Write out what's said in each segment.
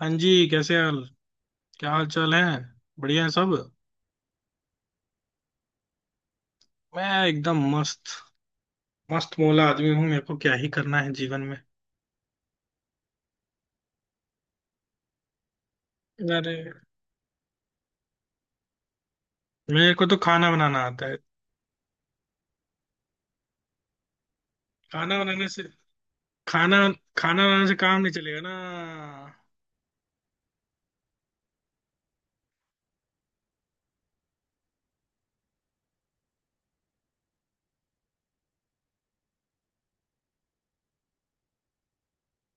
हाँ जी, कैसे हाल? क्या हाल चाल है? बढ़िया है सब। मैं एकदम मस्त। मस्त मौला आदमी हूँ, मेरे को क्या ही करना है जीवन में। अरे, मेरे को तो खाना बनाना आता है। खाना बनाने से खाना खाना बनाने से काम नहीं चलेगा ना।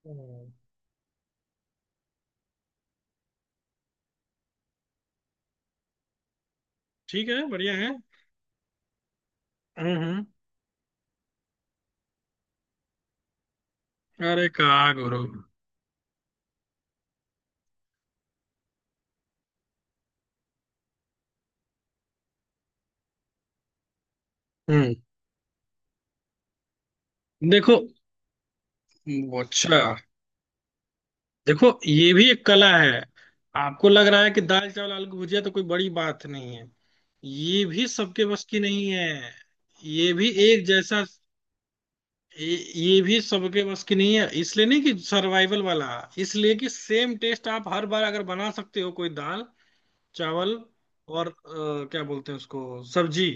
हम्म। ठीक है, बढ़िया है। हम्म, अरे का, गुरु। हम्म। देखो वो, अच्छा, देखो, ये भी एक कला है। आपको लग रहा है कि दाल चावल आलू की भुजिया तो कोई बड़ी बात नहीं है, ये भी सबके बस की नहीं है। ये भी एक जैसा, ये भी सबके बस की नहीं है, इसलिए नहीं कि सर्वाइवल वाला, इसलिए कि सेम टेस्ट आप हर बार अगर बना सकते हो कोई दाल चावल और क्या बोलते हैं उसको, सब्जी।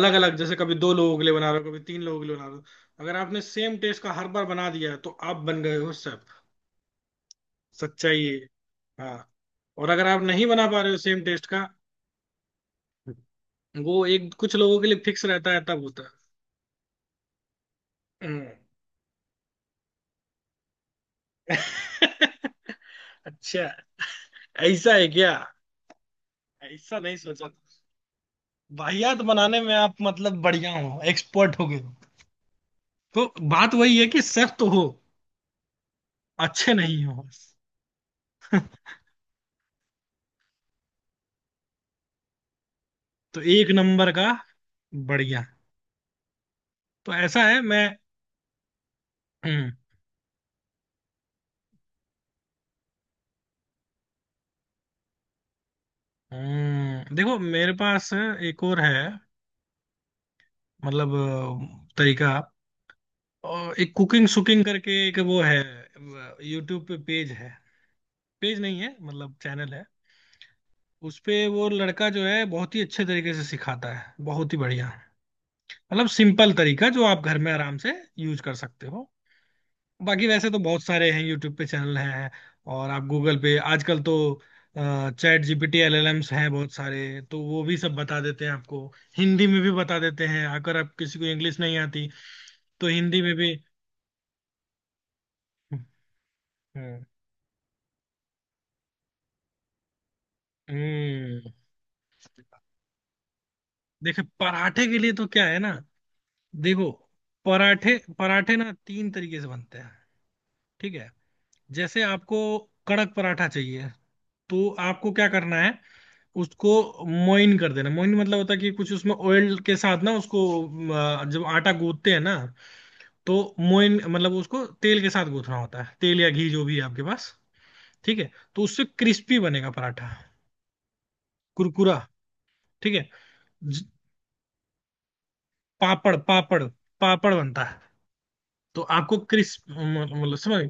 अलग अलग, जैसे कभी दो लोगों के लिए बना रहे हो, कभी तीन लोगों के लिए बना रहे हो, अगर आपने सेम टेस्ट का हर बार बना दिया है तो आप बन गए हो शेफ। सच्चाई है। हाँ। और अगर आप नहीं बना पा रहे हो सेम टेस्ट का, वो एक कुछ लोगों के लिए फिक्स रहता है, तब होता है। हम्म। अच्छा, ऐसा है क्या? ऐसा नहीं सोचा था। वाहियात बनाने में आप मतलब बढ़िया हो, एक्सपर्ट हो गए हो। तो बात वही है कि सिर्फ तो हो, अच्छे नहीं हो बस। तो एक नंबर का। बढ़िया। तो ऐसा है मैं। हम्म। देखो, मेरे पास एक और है, मतलब तरीका। और एक कुकिंग सुकिंग करके एक वो है, यूट्यूब पे पेज है, पेज नहीं है मतलब चैनल है। उस पे वो लड़का जो है बहुत ही अच्छे तरीके से सिखाता है, बहुत ही बढ़िया। मतलब सिंपल तरीका जो आप घर में आराम से यूज कर सकते हो। बाकी वैसे तो बहुत सारे हैं, यूट्यूब पे चैनल हैं। और आप गूगल पे आजकल तो, चैट जीपीटी एलएलएम्स हैं बहुत सारे, तो वो भी सब बता देते हैं आपको। हिंदी में भी बता देते हैं, अगर आप किसी को इंग्लिश नहीं आती तो हिंदी में भी। हम्म, हम्म। देखो, पराठे के लिए तो क्या है ना, देखो, पराठे पराठे ना तीन तरीके से बनते हैं। ठीक है। जैसे आपको कड़क पराठा चाहिए, तो आपको क्या करना है, उसको मोइन कर देना। मोइन मतलब होता है कि कुछ उसमें ऑयल के साथ ना उसको, जब आटा गूंथते हैं ना, तो मोइन मतलब उसको तेल के साथ गूंथना होता है, तेल या घी जो भी है आपके पास। ठीक है। तो उससे क्रिस्पी बनेगा पराठा, कुरकुरा। ठीक है। ज- पापड़, पापड़ पापड़ बनता है। तो आपको क्रिस्प मतलब समझ।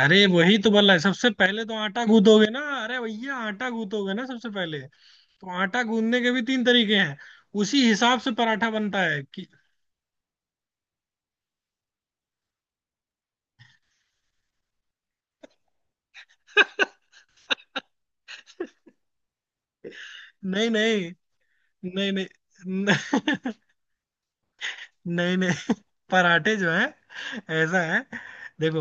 अरे वही तो बोल रहा है, सबसे पहले तो आटा गूंदोगे ना, अरे भैया आटा गूंदोगे ना सबसे पहले। तो आटा गूंदने के भी तीन तरीके हैं, उसी हिसाब से पराठा बनता है कि। नहीं नहीं, नहीं नहीं। नहीं, नहीं नहीं। पराठे जो है, ऐसा है, देखो,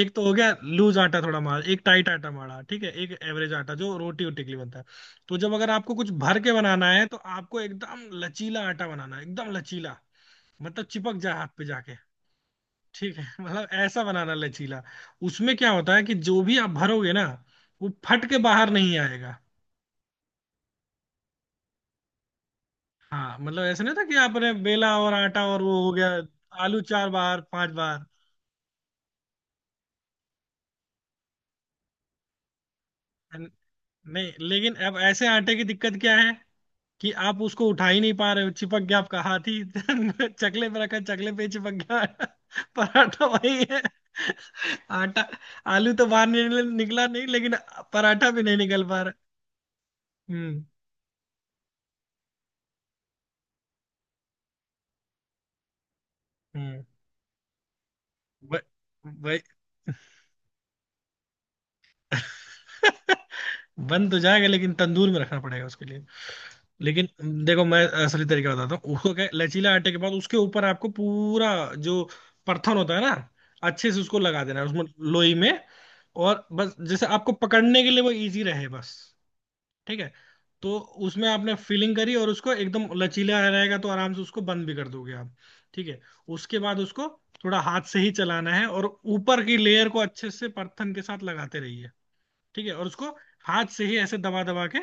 एक तो हो गया लूज आटा थोड़ा मार, एक टाइट आटा मारा, ठीक है, एक एवरेज आटा जो रोटी वोटी के लिए बनता है। तो जब अगर आपको कुछ भर के बनाना है, तो आपको एकदम लचीला आटा बनाना है, एकदम लचीला। मतलब चिपक जाए हाथ पे जाके। ठीक है। मतलब ऐसा बनाना लचीला। उसमें क्या होता है कि जो भी आप भरोगे ना, वो फट के बाहर नहीं आएगा। हाँ, मतलब ऐसा नहीं था कि आपने बेला और आटा और वो हो गया, आलू चार बार पांच बार। न- नहीं, लेकिन अब ऐसे आटे की दिक्कत क्या है कि आप उसको उठा ही नहीं पा रहे हो, चिपक गया आपका हाथ ही। चकले पे रखा, चकले पे ही चिपक गया। पराठा वही है। आटा, आलू तो बाहर नहीं निकला नहीं, लेकिन पराठा भी नहीं निकल पा रहा। हम्म, हम्म। ब- भाई। बन तो जाएगा, लेकिन तंदूर में रखना पड़ेगा उसके लिए। लेकिन देखो, मैं असली तरीका बताता हूँ। उसको क्या है, लचीला आटे के बाद उसके ऊपर आपको पूरा जो परथन होता है ना, अच्छे से उसको लगा देना है उसमें, लोई में। और बस जैसे आपको पकड़ने के लिए वो इजी रहे, बस। ठीक है। तो उसमें आपने फिलिंग करी, और उसको एकदम लचीला रहेगा तो आराम से उसको बंद भी कर दोगे आप। ठीक है। उसके बाद उसको थोड़ा हाथ से ही चलाना है, और ऊपर की लेयर को अच्छे से परथन के साथ लगाते रहिए। ठीक है। और उसको हाथ से ही ऐसे दबा दबा के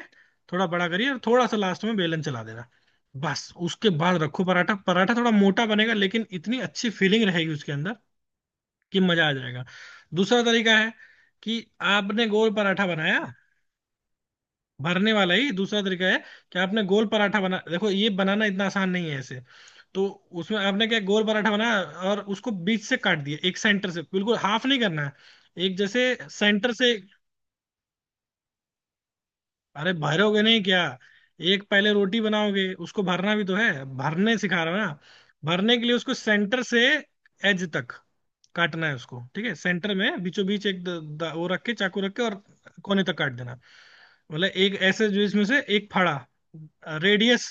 थोड़ा बड़ा करिए, और थोड़ा सा लास्ट में बेलन चला देना। बस उसके बाद रखो पराठा। पराठा थोड़ा मोटा बनेगा, लेकिन इतनी अच्छी फीलिंग रहेगी उसके अंदर कि मजा आ जाएगा। दूसरा तरीका है कि आपने गोल पराठा बनाया, भरने वाला ही दूसरा तरीका है, कि आपने गोल पराठा बना, देखो ये बनाना इतना आसान नहीं है ऐसे। तो उसमें आपने क्या, गोल पराठा बनाया और उसको बीच से काट दिया, एक सेंटर से, बिल्कुल हाफ नहीं करना है, एक जैसे सेंटर से। अरे भरोगे नहीं क्या, एक पहले रोटी बनाओगे, उसको भरना भी तो है, भरने सिखा रहा हूं ना। भरने के लिए उसको सेंटर से एज तक काटना है उसको, ठीक है, सेंटर में बीचों बीच एक द, द, वो रख के, चाकू रख के और कोने तक काट देना। मतलब एक ऐसे जो इसमें से एक फाड़ा, रेडियस।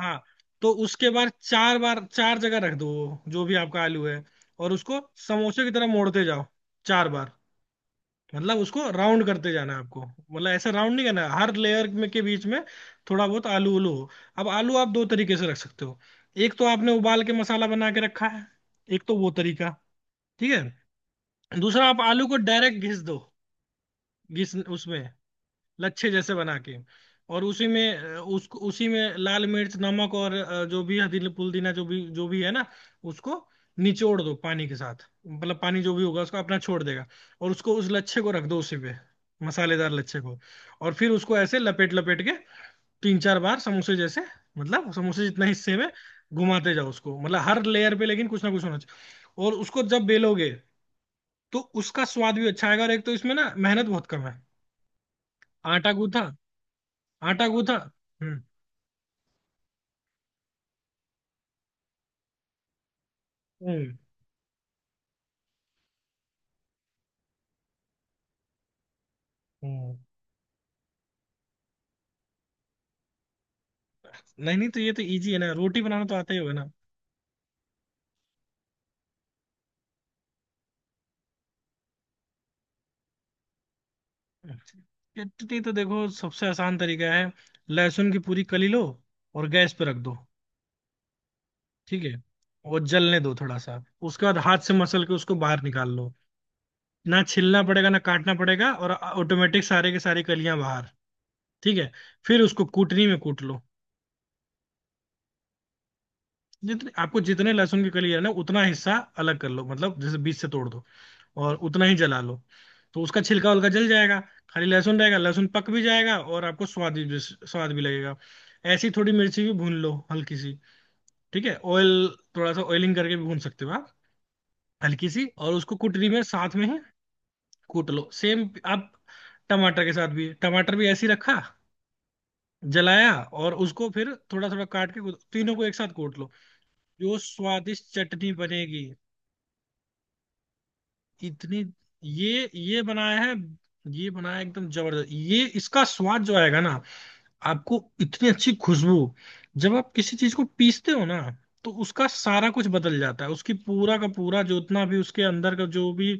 हाँ। तो उसके बाद चार बार चार जगह रख दो वो, जो भी आपका आलू है, और उसको समोसे की तरह मोड़ते जाओ चार बार। मतलब उसको राउंड करते जाना है आपको, मतलब ऐसा राउंड नहीं करना है, हर लेयर में के बीच में थोड़ा बहुत आलू उलू हो। अब आलू आप दो तरीके से रख सकते हो। एक तो आपने उबाल के मसाला बना के रखा है, एक तो वो तरीका, ठीक है। दूसरा, आप आलू को डायरेक्ट घिस दो, घिस उसमें लच्छे जैसे बना के। और उसी में उसको उसी में लाल मिर्च नमक और जो भी हल्दी पुदीना जो भी है ना, उसको निचोड़ दो पानी के साथ, मतलब पानी जो भी होगा उसको अपना छोड़ देगा। और उसको उस लच्छे को रख दो उसी पे, मसालेदार लच्छे को, और फिर उसको ऐसे लपेट लपेट के तीन चार बार समोसे जैसे, मतलब समोसे जितना हिस्से में घुमाते जाओ उसको, मतलब हर लेयर पे लेकिन कुछ ना कुछ होना चाहिए। और उसको जब बेलोगे, तो उसका स्वाद भी अच्छा आएगा, और एक तो इसमें ना मेहनत बहुत कम है। आटा गूंथा, आटा गूंथा। हम्म, हम्म, हम्म। नहीं नहीं, तो ये तो इजी है ना, रोटी बनाना तो आता ही होगा ना। चटनी तो देखो, सबसे आसान तरीका है, लहसुन की पूरी कली लो और गैस पे रख दो। ठीक है। और जलने दो थोड़ा सा, उसके बाद हाथ से मसल के उसको बाहर निकाल लो, ना छिलना पड़ेगा ना काटना पड़ेगा, और ऑटोमेटिक सारे के सारे कलियां बाहर। ठीक है। फिर उसको कूटनी में कूट लो। जितने आपको, जितने लहसुन की कली है ना, उतना हिस्सा अलग कर लो, मतलब जैसे बीच से तोड़ दो, और उतना ही जला लो। तो उसका छिलका उलका जल जाएगा, खाली लहसुन रहेगा, लहसुन पक भी जाएगा, और आपको स्वाद भी, स्वाद भी लगेगा। ऐसी थोड़ी मिर्ची भी भून लो हल्की सी। ठीक है, ऑयल थोड़ा सा ऑयलिंग करके भी भून सकते हो आप, हल्की सी, और उसको कुटरी में साथ में ही कूट लो, सेम। आप टमाटर के साथ भी, टमाटर भी ऐसे ही रखा, जलाया, और उसको फिर थोड़ा थोड़ा काट के तीनों को एक साथ कूट लो। जो स्वादिष्ट चटनी बनेगी, इतनी। ये बनाया है, ये बनाया है एकदम जबरदस्त, ये इसका स्वाद जो आएगा ना आपको, इतनी अच्छी खुशबू। जब आप किसी चीज को पीसते हो ना, तो उसका सारा कुछ बदल जाता है, उसकी पूरा का पूरा जो उतना भी उसके अंदर का जो भी।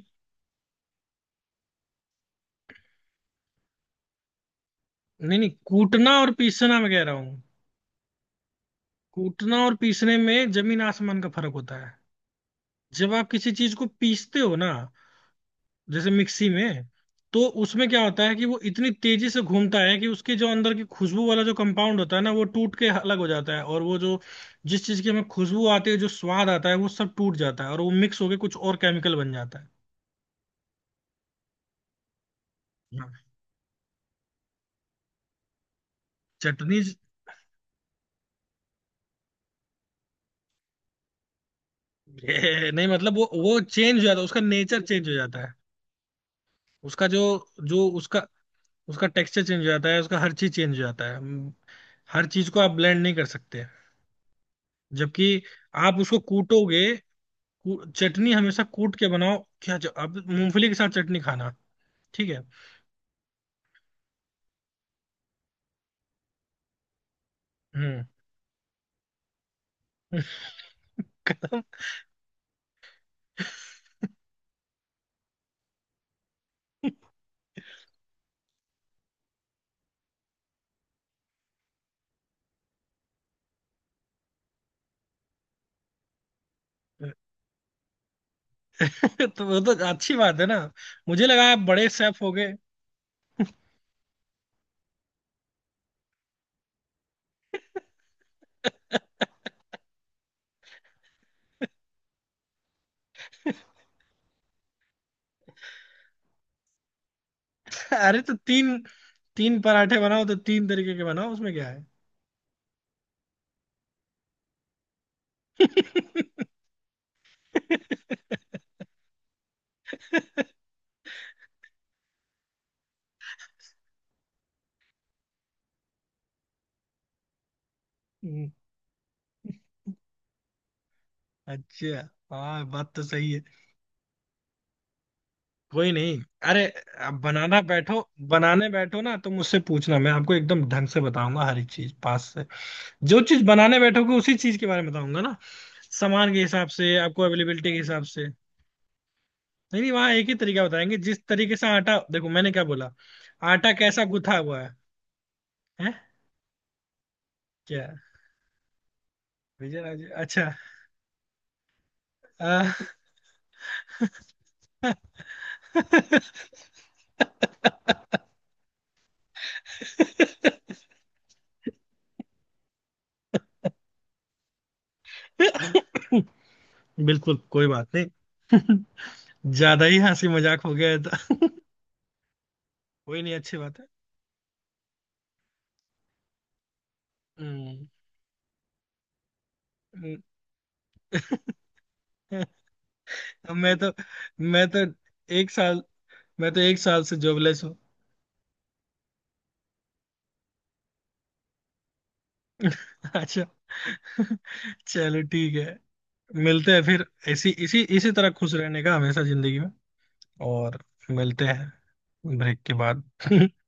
नहीं नहीं, कूटना और पीसना मैं कह रहा हूँ, कूटना और पीसने में जमीन आसमान का फर्क होता है। जब आप किसी चीज को पीसते हो ना जैसे मिक्सी में, तो उसमें क्या होता है कि वो इतनी तेजी से घूमता है कि उसके जो अंदर की खुशबू वाला जो कंपाउंड होता है ना, वो टूट के अलग हो जाता है, और वो जो जिस चीज की हमें खुशबू आती है, जो स्वाद आता है, वो सब टूट जाता है और वो मिक्स होके कुछ और केमिकल बन जाता है। हाँ, चटनी। ये नहीं, मतलब वो चेंज हो जाता है, उसका नेचर चेंज हो जाता है। उसका जो, जो उसका, उसका टेक्सचर चेंज हो जाता है, उसका हर चीज चेंज हो जाता है। हर चीज को आप ब्लेंड नहीं कर सकते, जबकि आप उसको कूटोगे। चटनी हमेशा कूट के बनाओ क्या, जो अब मूंगफली के साथ चटनी खाना। ठीक है। हम्म। तो वो तो अच्छी बात है ना, मुझे लगा आप बड़े शेफ हो गए। अरे तो तीन, तीन पराठे बनाओ तो तीन तरीके के बनाओ, उसमें क्या है। हम्म, अच्छा, हाँ बात तो सही है। कोई नहीं। अरे, अब बनाना बैठो, बनाने बैठो ना तो मुझसे पूछना, मैं आपको एकदम ढंग से बताऊंगा हर एक चीज पास से, जो चीज बनाने बैठोगे उसी चीज के बारे में बताऊंगा ना, सामान के हिसाब से आपको, अवेलेबिलिटी के हिसाब से। नहीं नहीं, वहाँ एक ही तरीका बताएंगे, जिस तरीके से आटा, देखो मैंने क्या बोला, आटा कैसा गुथा हुआ है, हैं? क्या? विजय राजे, अच्छा। आ, बिल्कुल, कोई बात नहीं। ज्यादा ही हंसी मजाक हो गया था। कोई नहीं, अच्छी बात है। हम्म, हम्म। मैं तो, मैं तो एक साल, मैं तो एक साल से जॉबलेस हूँ। अच्छा, चलो ठीक है। मिलते हैं फिर, इसी इसी इसी तरह खुश रहने का हमेशा जिंदगी में। और मिलते हैं ब्रेक के बाद।